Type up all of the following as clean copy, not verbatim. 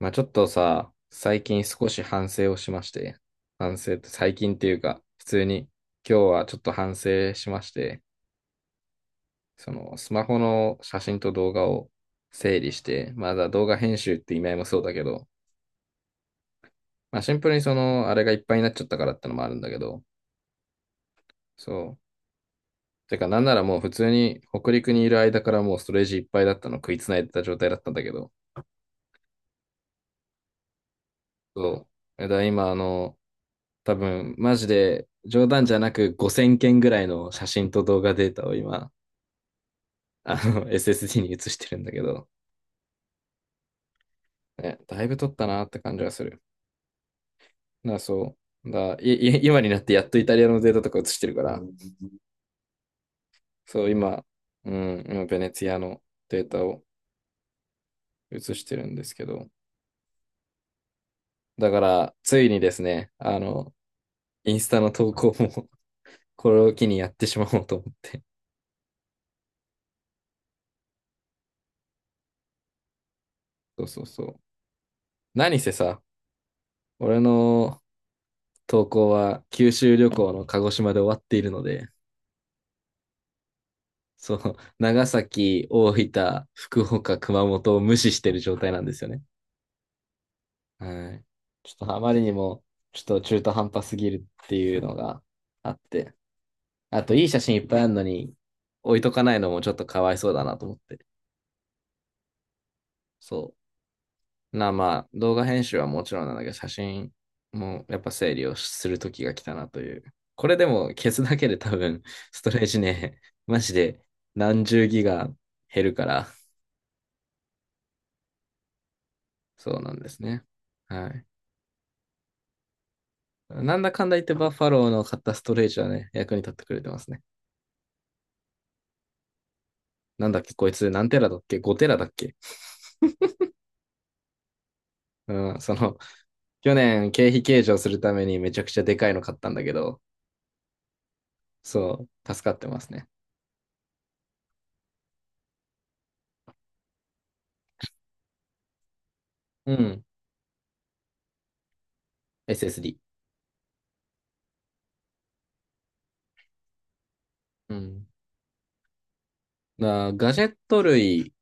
まあちょっとさ、最近少し反省をしまして、反省って最近っていうか、普通に今日はちょっと反省しまして、そのスマホの写真と動画を整理して、まだ動画編集って意味合いもそうだけど、まあシンプルにそのあれがいっぱいになっちゃったからってのもあるんだけど、そう。てかなんならもう普通に北陸にいる間からもうストレージいっぱいだったの食いつないでた状態だったんだけど、そう。だから今多分、マジで冗談じゃなく5000件ぐらいの写真と動画データを今、SSD に移してるんだけど、ね、だいぶ撮ったなって感じはする。だからそう。だいい今になってやっとイタリアのデータとか移してるから、うんそう、今、うん、今、ベネツィアのデータを移してるんですけど、だから、ついにですね、インスタの投稿も これを機にやってしまおうと思って。そうそうそう。何せさ、俺の投稿は九州旅行の鹿児島で終わっているので、その長崎、大分、福岡、熊本を無視している状態なんですよね。はい。ちょっとあまりにも、ちょっと中途半端すぎるっていうのがあって、あといい写真いっぱいあるのに置いとかないのもちょっとかわいそうだなと思って。そう。まあ、動画編集はもちろんなんだけど、写真もやっぱ整理をする時が来たなという。これでも消すだけで多分、ストレージね、マジで何十ギガ減るから、そうなんですね。はい。なんだかんだ言ってバッファローの買ったストレージはね、役に立ってくれてますね。なんだっけ、こいつ何テラだっけ？ 5 テラだっけ？うん、去年経費計上するためにめちゃくちゃでかいの買ったんだけど、そう、助かってますね。うん、SSD。うん。ガジェット類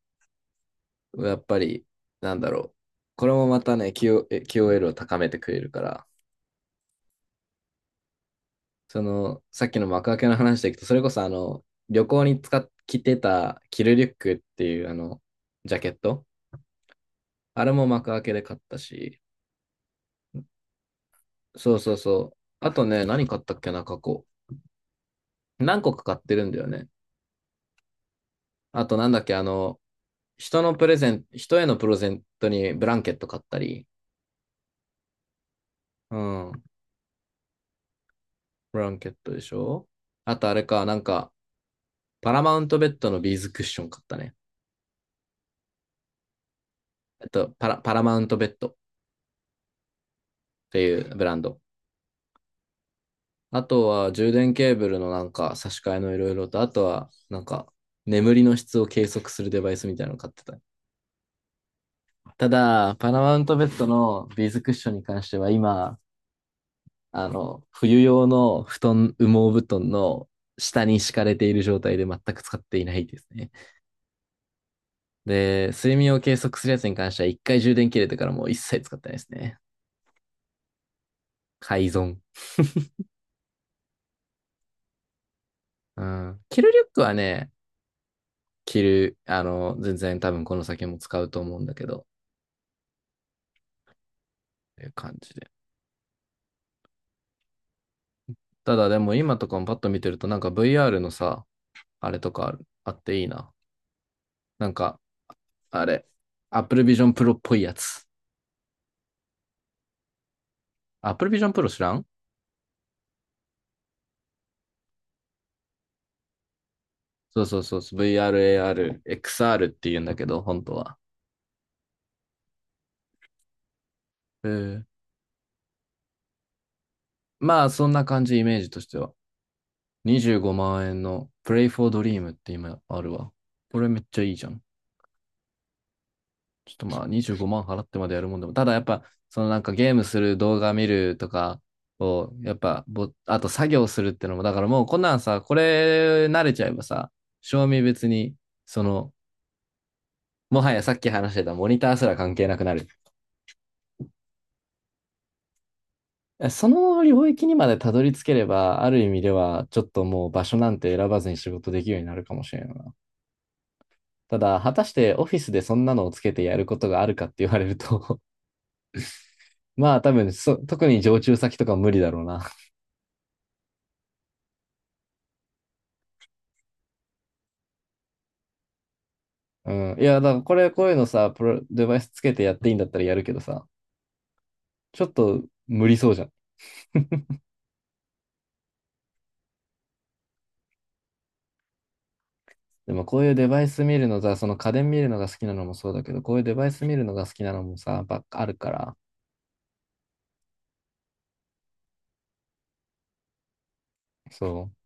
はやっぱり、なんだろう。これもまたね、QO、q エ l を高めてくれるから、さっきの幕開けの話でいくと、それこそ旅行に着てたキルリュックっていうあの、ジャケット。あれも幕開けで買ったし、そうそうそう。あとね、何買ったっけな、過去。何個か買ってるんだよね。あとなんだっけ、人へのプレゼントにブランケット買ったり、うん、ブランケットでしょ？あとあれか、なんか、パラマウントベッドのビーズクッション買ったね。パラマウントベッドっていうブランド。あとは充電ケーブルのなんか差し替えのいろいろと、あとはなんか眠りの質を計測するデバイスみたいなの買ってた。ただ、パラマウントベッドのビーズクッションに関しては今、冬用の布団、羽毛布団の下に敷かれている状態で全く使っていないですね。で、睡眠を計測するやつに関しては一回充電切れてからもう一切使ってないですね。改造。うん。着るリュックはね、着る、あの、全然多分この先も使うと思うんだけど、っていう感じで。ただでも今とかもパッと見てるとなんか VR のさ、あれとかあるあっていいな。なんか、あれ、Apple Vision Pro っぽいやつ。Apple Vision Pro 知らん？そうそうそうそう、VR、AR、XR って言うんだけど、本当は。えーまあ、そんな感じ、イメージとしては。25万円の Play for Dream って今あるわ。これめっちゃいいじゃん。ちょっとまあ25万払ってまでやるもんでも、ただやっぱ、そのなんかゲームする動画見るとかを、やっぱぼ、あと作業するってのも、だからもうこんなんさ、これ慣れちゃえばさ、賞味別に、その、もはやさっき話してたモニターすら関係なくなる。その領域にまでたどり着ければ、ある意味では、ちょっともう場所なんて選ばずに仕事できるようになるかもしれないな。ただ、果たしてオフィスでそんなのをつけてやることがあるかって言われると まあ多分特に常駐先とか無理だろうな。うん。いや、だからこういうのさ、デバイスつけてやっていいんだったらやるけどさ、ちょっと無理そうじゃん。でもこういうデバイス見るのさ、その家電見るのが好きなのもそうだけど、こういうデバイス見るのが好きなのもさ、ばっかあるから。そう。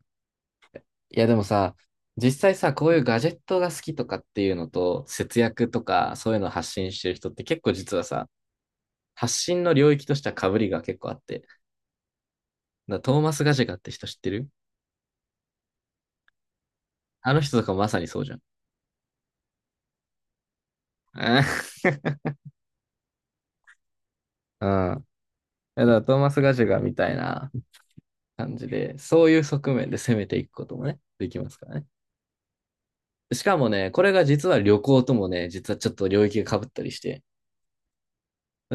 いや、でもさ、実際さ、こういうガジェットが好きとかっていうのと、節約とか、そういうのを発信してる人って結構実はさ、発信の領域としては被りが結構あって。だからトーマス・ガジェガって人知ってる？あの人とかまさにそうじゃん。うん。うん、いやだからトーマス・ガジェガみたいな感じで、そういう側面で攻めていくこともね、できますからね。しかもね、これが実は旅行ともね、実はちょっと領域が被ったりして、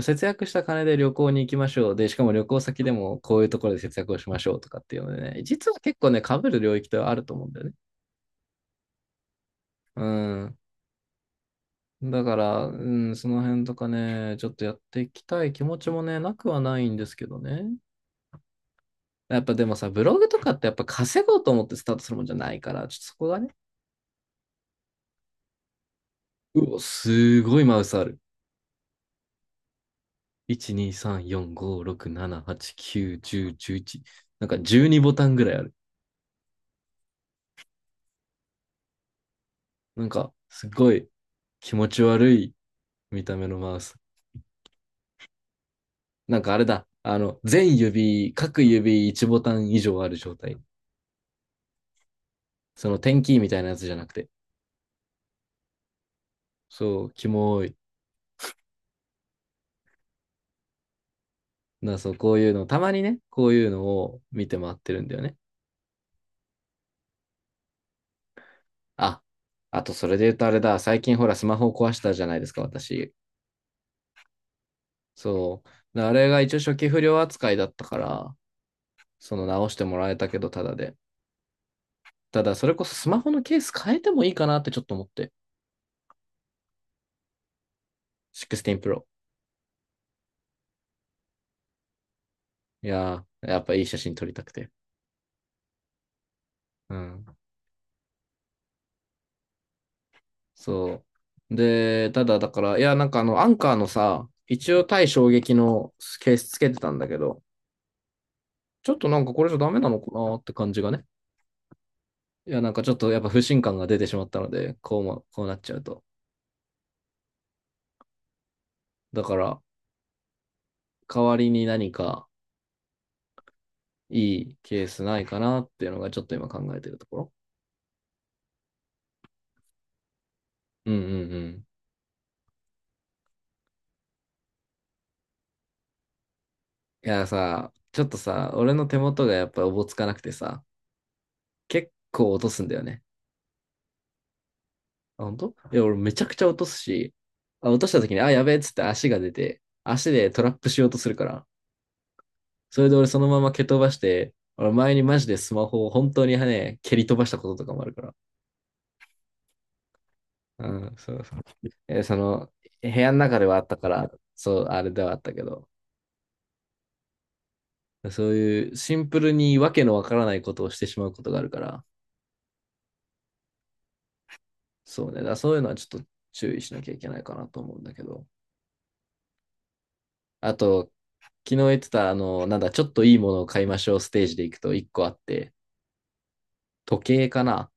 節約した金で旅行に行きましょう。で、しかも旅行先でもこういうところで節約をしましょうとかっていうのでね、実は結構ね、被る領域ってあると思うんだよね。うん。だから、うん、その辺とかね、ちょっとやっていきたい気持ちもね、なくはないんですけどね。やっぱでもさ、ブログとかってやっぱ稼ごうと思ってスタートするもんじゃないから、ちょっとそこがね、うお、すごいマウスある。1、2、3、4、5、6、7、8、9、10、11。なんか12ボタンぐらいある。なんか、すごい気持ち悪い見た目のマウス。なんかあれだ。各指1ボタン以上ある状態。その点キーみたいなやつじゃなくて。そう、キモい。そう、こういうの、たまにね、こういうのを見て回ってるんだよね。あ、あとそれで言うとあれだ。最近ほら、スマホを壊したじゃないですか、私。そう。あれが一応初期不良扱いだったから、その直してもらえたけど、ただで。ただ、それこそスマホのケース変えてもいいかなってちょっと思って。16 Pro。いやー、やっぱいい写真撮りたくて。うん。そう。で、ただだから、いや、なんかアンカーのさ、一応対衝撃のケースつけてたんだけど、ちょっとなんかこれじゃダメなのかなって感じがね。いや、なんかちょっとやっぱ不信感が出てしまったので、こうも、こうなっちゃうと。だから、代わりに何かいいケースないかなっていうのがちょっと今考えてるところ。うんうんうん。いやさ、ちょっとさ、俺の手元がやっぱおぼつかなくてさ、結構落とすんだよね。あ、本当？いや、俺めちゃくちゃ落とすし、あ、落とした時に、あ、やべえっつって足が出て、足でトラップしようとするから、それで俺そのまま蹴飛ばして、俺前にマジでスマホを本当にね、蹴り飛ばしたこととかもあるから。うん、そうそう。え、その、部屋の中ではあったから、そう、あれではあったけど、そういうシンプルにわけのわからないことをしてしまうことがあるから、そうね。だからそういうのはちょっと注意しなきゃいけないかなと思うんだけど。あと、昨日言ってた、あの、なんだ、ちょっといいものを買いましょうステージで行くと1個あって、時計かな？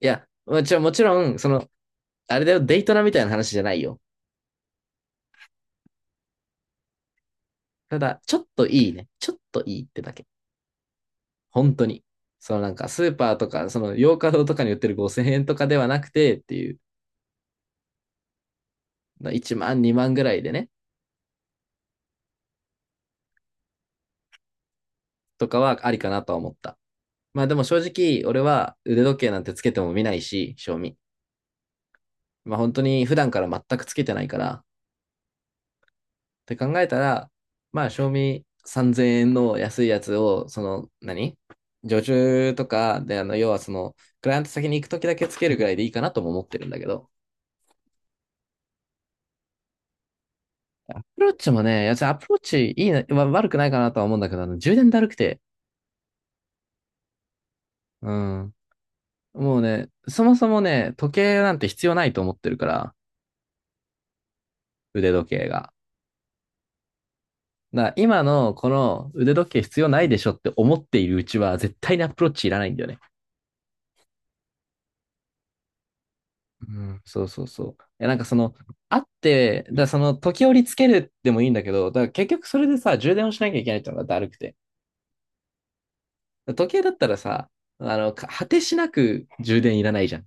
いや、もちろん、もちろん、あれだよ、デイトナみたいな話じゃないよ。ただ、ちょっといいね。ちょっといいってだけ。本当に。そのなんか、スーパーとか、洋華堂とかに売ってる5000円とかではなくてっていう、1万、2万ぐらいでね、とかはありかなとは思った。まあでも正直、俺は腕時計なんてつけても見ないし、賞味。まあ本当に普段から全くつけてないからって考えたら、まあ賞味3000円の安いやつを、その何常駐とかで、要はクライアント先に行くときだけつけるぐらいでいいかなとも思ってるんだけど、アプローチもね、いやつアプローチいいな、悪くないかなとは思うんだけど、充電だるくて、うん。もうね、そもそもね、時計なんて必要ないと思ってるから、腕時計が。だから今のこの腕時計必要ないでしょって思っているうちは絶対にアプローチいらないんだよね。うん、そうそうそう。なんかあって、だからその時折つけるでもいいんだけど、だから結局それでさ、充電をしなきゃいけないってのがだるくて。だから時計だったらさ、果てしなく充電いらないじゃん。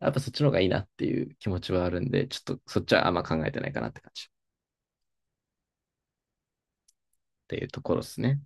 やっぱそっちの方がいいなっていう気持ちはあるんで、ちょっとそっちはあんま考えてないかなって感じっていうところですね。